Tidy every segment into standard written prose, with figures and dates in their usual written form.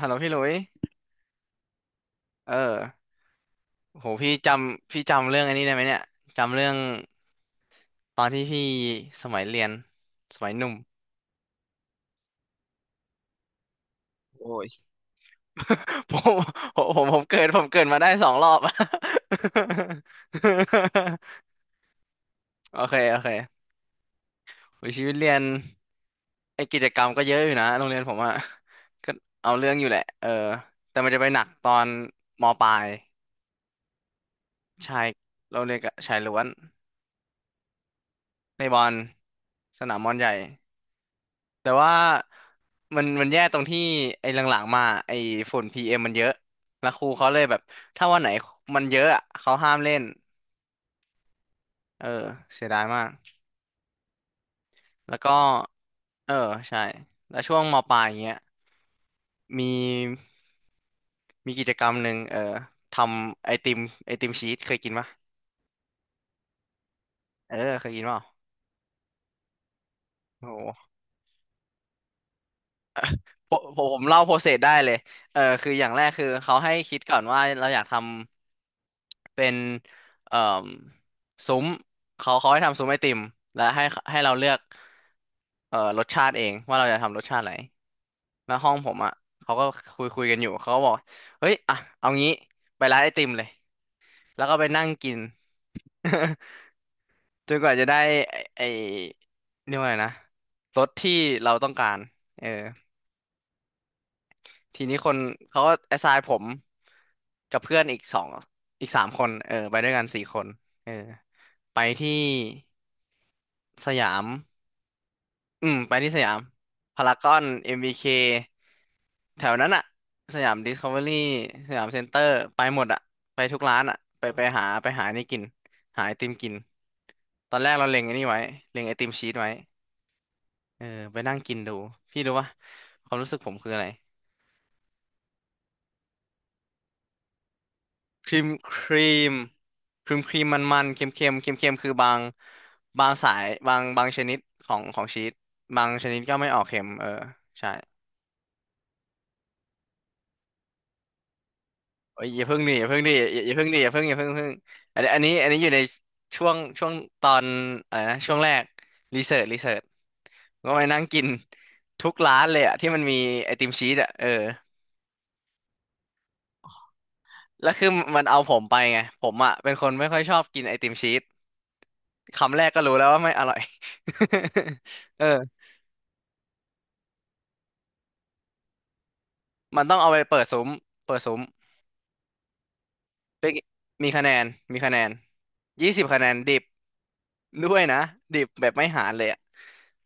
ฮัลโหลพี่หลุยเออโหพี่จำเรื่องอันนี้ได้ไหมเนี่ย จำเรื่องตอนที่พี่สมัยเรียนสมัยหนุ่มโอ้ย ผมผมเกิดมาได้สองรอบ โอเคโอเคโอ้ยชีวิตเรียนไอกิจกรรมก็เยอะอยู่นะโรงเรียนผมอะก็เอาเรื่องอยู่แหละเออแต่มันจะไปหนักตอนมปลายชายเราเรียนกับชายล้วนในบอลสนามบอลใหญ่ แต่ว่ามันแย่ตรงที่ไอ้หลังๆมาไอ้ฝุ่นพีเอ็มมันเยอะแล้วครูเขาเลยแบบถ้าวันไหนมันเยอะอะเขาห้ามเล่นเออเสียดายมากแล้วก็เออใช่แล้วช่วงมปลายอย่างเงี้ยมีมีกิจกรรมหนึ่งเออทำไอติมไอติมชีสเคยกินปะเออเคยกินเปล่าโอ้โหผมเล่าโปรเซสได้เลยเออคืออย่างแรกคือเขาให้คิดก่อนว่าเราอยากทำ เป็นเอ่อซุ้มเขาให้ทำซุ้มไอติมและให้เราเลือกเอ่อรสชาติเองว่าเราจะทำรสชาติอะไรแล้วห้องผมอ่ะเขาก็คุยกันอยู่เขาก็บอกเฮ้ยอ่ะเอางี้ไปร้านไอติมเลยแล้วก็ไปนั่งกิน จนกว่าจะได้ไอ้เรียกว่าอะไงนะรสที่เราต้องการเออทีนี้คนเขาก็แอสไซน์ผมกับเพื่อนอีกสามคนเออไปด้วยกันสี่คนเออไปที่ สยามอืมไปที่สยามพารากอนเอ็มบีเคแถวนั้นอะสยามดิสคัฟเวอรี่สยามเซ็นเตอร์ไปหมดอะไปทุกร้านอะไปหานี่กิน หาไอติมกิน ตอนแรกเราเล็งไอ้นี่ไว้เล็งไอติมชีสไว้เออไปนั่งกินดู พี่รู้ป่ะความรู้สึกผมคืออะไร ครีมครีมครีมมันเค็มเค็มเค็มเค็มๆคือบางสายบางชนิดของชีสบางชนิดก็ไม่ออกเค็มเออใช่ โอ้ยอย่าเพิ่งหนีอย่าเพิ่งหนีอย่าอย่าเพิ่งหนีอย่าเพิ่งอย่าเพิ่งอย่าเพิ่งอันนี้อยู่ในช่วงตอนอะไรนะช่วงแรกรีเสิร์ชก็ไปนั่งกินทุกร้านเลยอะที่มันมีไอติมชีสอะเออแล้วคือมันเอาผมไปไงผมอะเป็นคนไม่ค่อยชอบกินไอติมชีสคำแรกก็รู้แล้วว่าไม่อร่อย เออมันต้องเอาไปเปิดซุ้มเปิดซุ้มไปกิมีคะแนนมีคะแนนยี่สิบคะแนนดิบด้วยนะดิบแบบไม่หารเลยอะ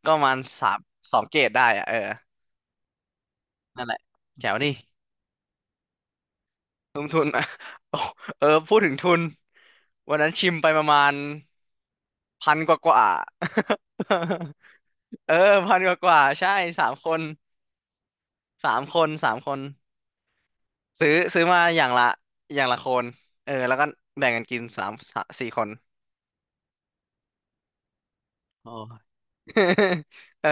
ก็ประมาณสามสองเกรดได้อะเออ นั่นแหละแจ๋วนี่ลงทุน อ่ะโอ้เออพูดถึงทุนวันนั้นชิมไปประมาณพันกว่า เออพันกว่าใช่สามคนสามคนซื้อมาอย่างละคนเออแล้วก็แบ่งกันกินสามสามสี่คนโอ้ เออ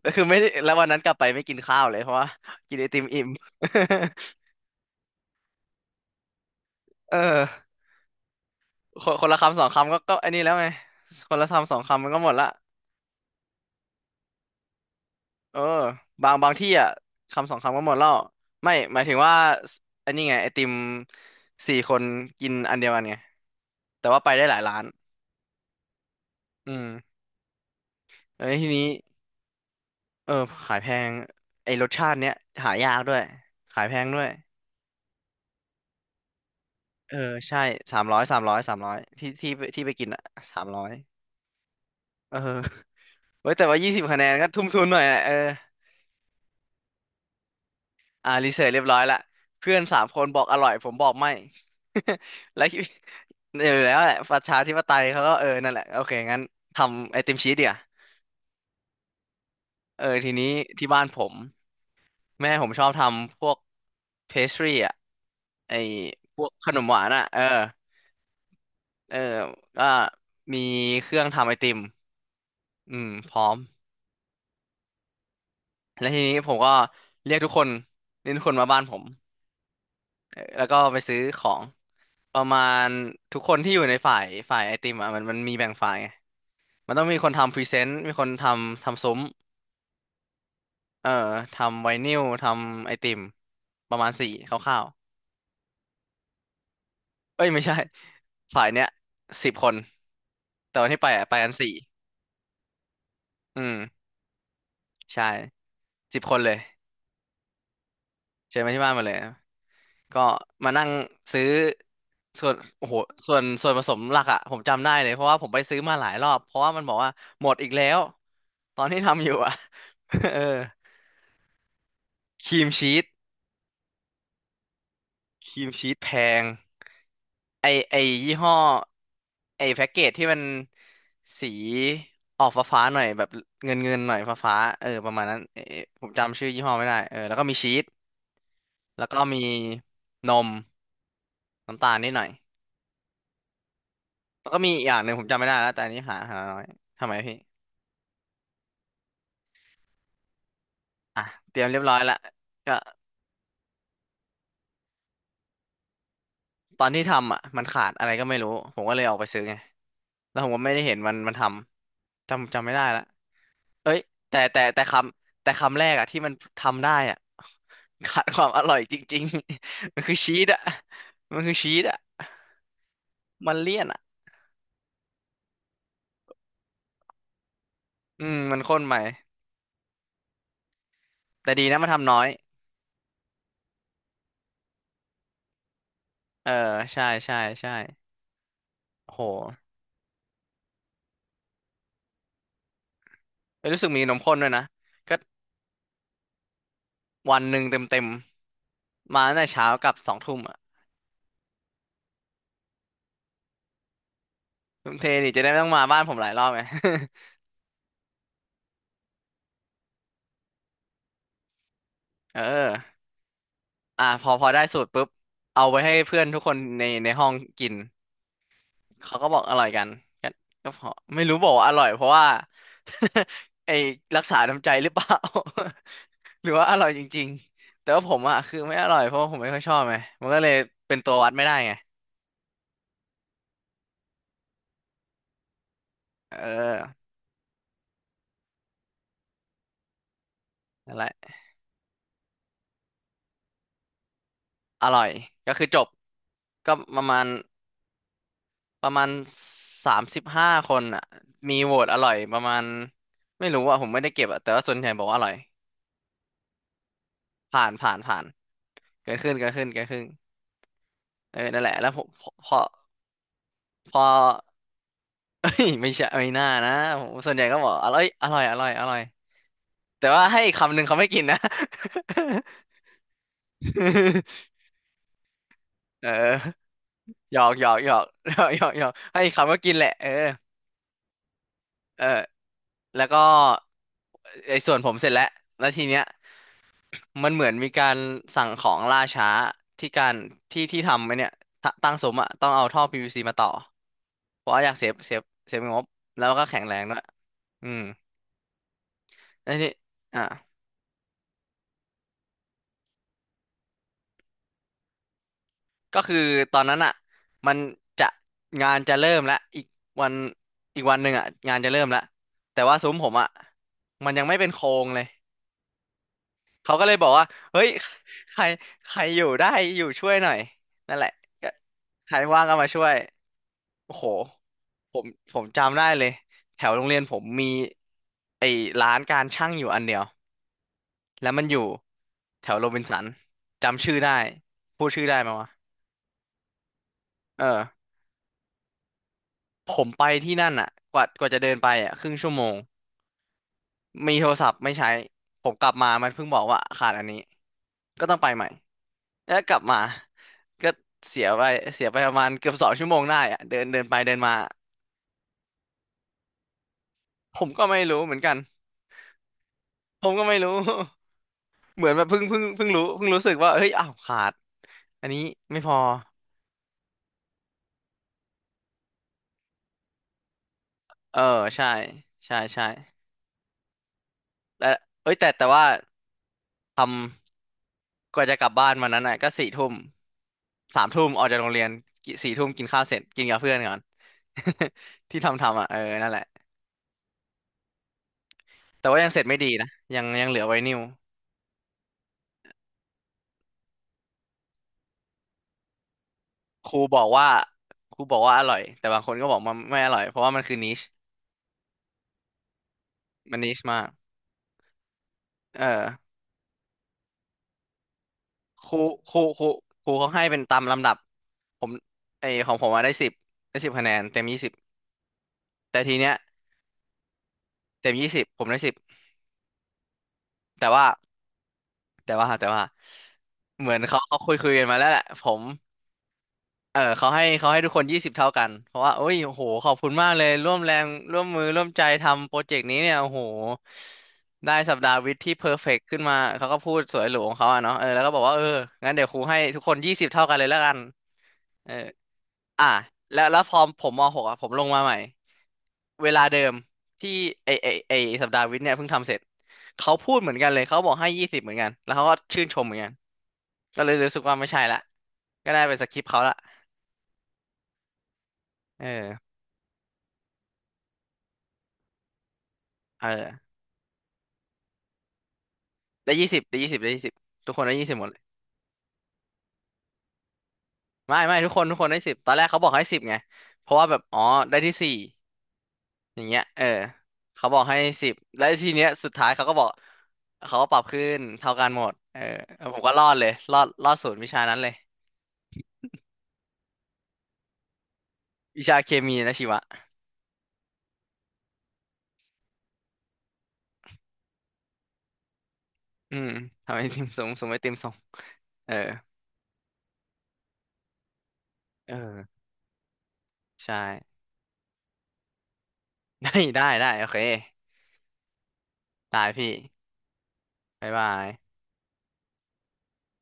แล้วคือไม่ได้แล้ววันนั้นกลับไปไม่กินข้าวเลยเพราะว่ากินไอติมอิ่ม เออคนคนละคำสองคำก็อันนี้แล้วไงคนละคำสองคำมันก็หมดละ เออบางที่อ่ะคำสองคำก็หมดแล้วไม่หมายถึงว่าสอันนี้ไงไอติมสี่คนกินอันเดียวกันไงแต่ว่าไปได้หลายร้านอืมเอ้ยทีนี้เออขายแพงไอรสชาติเนี้ยหายากด้วยขายแพงด้วยเออใช่สามร้อยที่ไปกินอ่ะสามร้อยเออ เว้ยแต่ว่ายี่สิบคะแนนก็ทุ่มทุนหน่อยอะเอออ่ารีเสิร์ชเรียบร้อยละเพื่อนสามคนบอกอร่อยผมบอกไม่ แลว เออแล้วแหละประชาธิปไตยเขาก็เออนั่นแหละโอเคงั้นทำไอติมชีสเดี๋ยวาเออทีนี้ที่บ้านผมแม่ผมชอบทำพวกเพสทรีอ่ะไอพวกขนมหวานอ่ะเออเออก็มีเครื่องทำไอติมอืมพร้อมแล้วทีนี้ผมก็เรียกทุกคนเรียกทุกคนมาบ้านผมเออแล้วก็ไปซื้อของประมาณทุกคนที่อยู่ในฝ่ายไอติมอ่ะมันมีแบ่งฝ่ายไงมันต้องมีคนทำพรีเซนต์มีคนทำซุ้ม เออทำไวนิลทำไอติมประมาณสี่คร่าวๆเอ้ยไม่ใช่ ฝ่ายเนี้ย10 คนแต่วันที่ไปอะไปกันสี่อืมใช่สิบคนเลยเชิญมาที่บ้านหมาเลยก็มานั่งซื้อส่วนโอ้โหส่วนผสมหลักอะผมจำได้เลยเพราะว่าผมไปซื้อมาหลายรอบเพราะว่ามันบอกว่าหมดอีกแล้วตอนที่ทำอยู่อะ เออครีมชีสครีมชีสแพง ไอไอยี่ห้อไอแพ็กเกจที่มันสีออกฟ้าๆหน่อยแบบเงินเงินหน่อยฟ้าๆเออประมาณนั้นเออผมจำชื่อยี่ห้อไม่ได้เออแล้วก็มีชีสแล้วก็มีนมน้ำตาลนิดหน่อยแล้วก็มีอีกอย่างหนึ่งผมจำไม่ได้แล้วแต่อันนี้หาหน่อยทำไมพี่อ่ะเตรียมเรียบร้อยละก็ตอนที่ทำอ่ะมันขาดอะไรก็ไม่รู้ผมก็เลยออกไปซื้อไงแล้วผมก็ไม่ได้เห็นมันจำไม่ได้ละ เอ้ยแต่แต่แต่คแต่คำแรกอะที่มันทำได้อะ ขาดความอร่อยจริงๆ มันคือชีสอะมันคือชีสอะมันเลี่ยนอะอืมมันข้นไปแต่ดีนะมันทำน้อยเออใช่ใช่ใช่โหเอ้ยรู้สึกมีนมข้นด้วยนะก็วันหนึ่งเต็มๆมมาตั้งแต่เช้ากับสองทุ่มอะทุ่มเทนี่จะได้ไม่ต้องมาบ้านผมหลายรอบไง เอออ่ะพอได้สูตรปุ๊บเอาไปให้เพื่อนทุกคนในห้องกิน เขาก็บอกอร่อยกันก็ก็พอไม่รู้บอกว่าอร่อยเพราะว่า ไอ้รักษาน้ำใจหรือเปล่า หรือว่าอร่อยจริงๆแต่ว่าผมอ่ะคือไม่อร่อยเพราะว่าผมไม่ค่อยชอบไงมันก็เลยเป็นตัววัดไม่ได้ไงเออนั่นแหละอร่อยก็คือจบก็ประมาณ35 คนอ่ะมีโหวตอร่อยประมาณไม่รู้อ่ะผมไม่ได้เก็บอ่ะแต่ว่าส่วนใหญ่บอกว่าอร่อยผ่านผ่านผ่านเกินขึ้นเกินขึ้นเกินขึ้นเออนั่นแหละแล้วผมพอพอ เอ้ยไม่ใช่ไม่น่านะผมส่วนใหญ่ก็บอกอร่อยอร่อยอร่อยอร่อยแต่ว่าให้อีกคำหนึ่งเขาไม่กินนะ เออหยอกหยอกหยอกหยอก หยอกหยอกให้อีกคำก็กินแหละเออเออแล้วก็ไอ้ส่วนผมเสร็จแล้วแล้วทีเนี้ยมันเหมือนมีการสั่งของล่าช้าที่การที่ที่ทำไอ้เนี่ยตตั้งสมอะต้องเอาท่อพีวีซีมาต่อเพราะว่าอยากเซฟงบแล้วก็แข็งแรงด้วยอืมแล้วทีนี่อ่ะ ก็คือตอนนั้นอ่ะมันจะงานจะเริ่มแล้ววันอีกวันหนึ่งอ่ะงานจะเริ่มแล้วแต่ว่าซุ้มผมอ่ะมันยังไม่เป็นโครงเลยเขาก็เลยบอกว่าเฮ้ยใครใครอยู่ได้อยู่ช่วยหน่อยนั่นแหละก็ใครว่างก็มาช่วยโอ้โหผมผมจำได้เลยแถวโรงเรียนผมมีไอ้ร้านการช่างอยู่อันเดียวแล้วมันอยู่แถวโรบินสันจำชื่อได้พูดชื่อได้ไหมวะเออ ผมไปที่นั่นอ่ะกว่าจะเดินไปอ่ะครึ่งชั่วโมงมีโทรศัพท์ไม่ใช้ผมกลับมามันเพิ่งบอกว่าขาดอันนี้ก็ต้องไปใหม่แล้วกลับมาก็เสียไปประมาณเกือบ2 ชั่วโมงได้อ่ะเดินเดินไปเดินมาผมก็ไม่รู้เหมือนกันผมก็ไม่รู้ เหมือนแบบเพิ่งรู้สึกว่าเฮ้ยอ้าวขาดอันนี้ไม่พอเออใช่ใช่ใช่แต่เอ้ยแต่ว่าทำกว่าจะกลับบ้านวันนั้นอ่ะก็สี่ทุ่มสามทุ่มออกจากโรงเรียนกี่สี่ทุ่มกินข้าวเสร็จกินกับเพื่อนก่อน ที่ทำอ่ะเออนั่นแหละแต่ว่ายังเสร็จไม่ดีนะยังยังเหลือไวนิลครูบอกว่าครูบอกว่าอร่อยแต่บางคนก็บอกมันไม่อร่อยเพราะว่ามันคือนิชมันนิชมากเออครูครูครูครูเขาให้เป็นตามลำดับผมไอของผมอะได้10 คะแนนเต็มยี่สิบแต่ทีเนี้ยเต็มยี่สิบผมได้สิบแต่ว่าแต่ว่าเหมือนเขาคุยคุยกันมาแล้วแหละผม เออเขาให้ทุกคนยี่สิบเท่ากันเพราะว่าโอ้ยโอ้โหขอบคุณมากเลยร่วมแรงร่วมมือร่วมใจทำโปรเจกต์นี้เนี่ยโอ้โหได้สัปดาห์วิทย์ที่เพอร์เฟกต์ขึ้นมาเขาก็พูดสวยหรูของเขาอะเนาะเออแล้วก็บอกว่าเอองั้นเดี๋ยวครูให้ทุกคนยี่สิบเท่ากันเลยแล้วกันเอออ่ะแล้วพอผมมหกอะผมลงมาใหม่เวลาเดิมที่ไอสัปดาห์วิทย์เนี่ยเพิ่งทำเสร็จเขาพูดเหมือนกันเลยเขาบอกให้ยี่สิบเหมือนกันแล้วเขาก็ชื่นชมเหมือนกันก็เลยรู้สึกว่าไม่ใช่ละก็ได้ไปสคริปต์เขาละเออเออ ได้ยี่สิบได้20ได้20ทุกคนได้ยี่สิบหมดเลยไม่ทุกคนได้สิบตอนแรกเขาบอกให้สิบไงเพราะว่าแบบอ๋อได้ที่สี่อย่างเงี้ยเออเขาบอกให้สิบแล้วทีเนี้ยสุดท้ายเขาก็บอกเขาก็ปรับขึ้นเท่ากันหมดเออผมก็รอดเลยรอดศูนย์วิชานั้นเลยวิชาเคมีนะชีวะอืมทำไอติมสูงสูงไอติมส่งเออเออใช่ ได้ได้ได้โอเคตายพี่บ๊ายบาย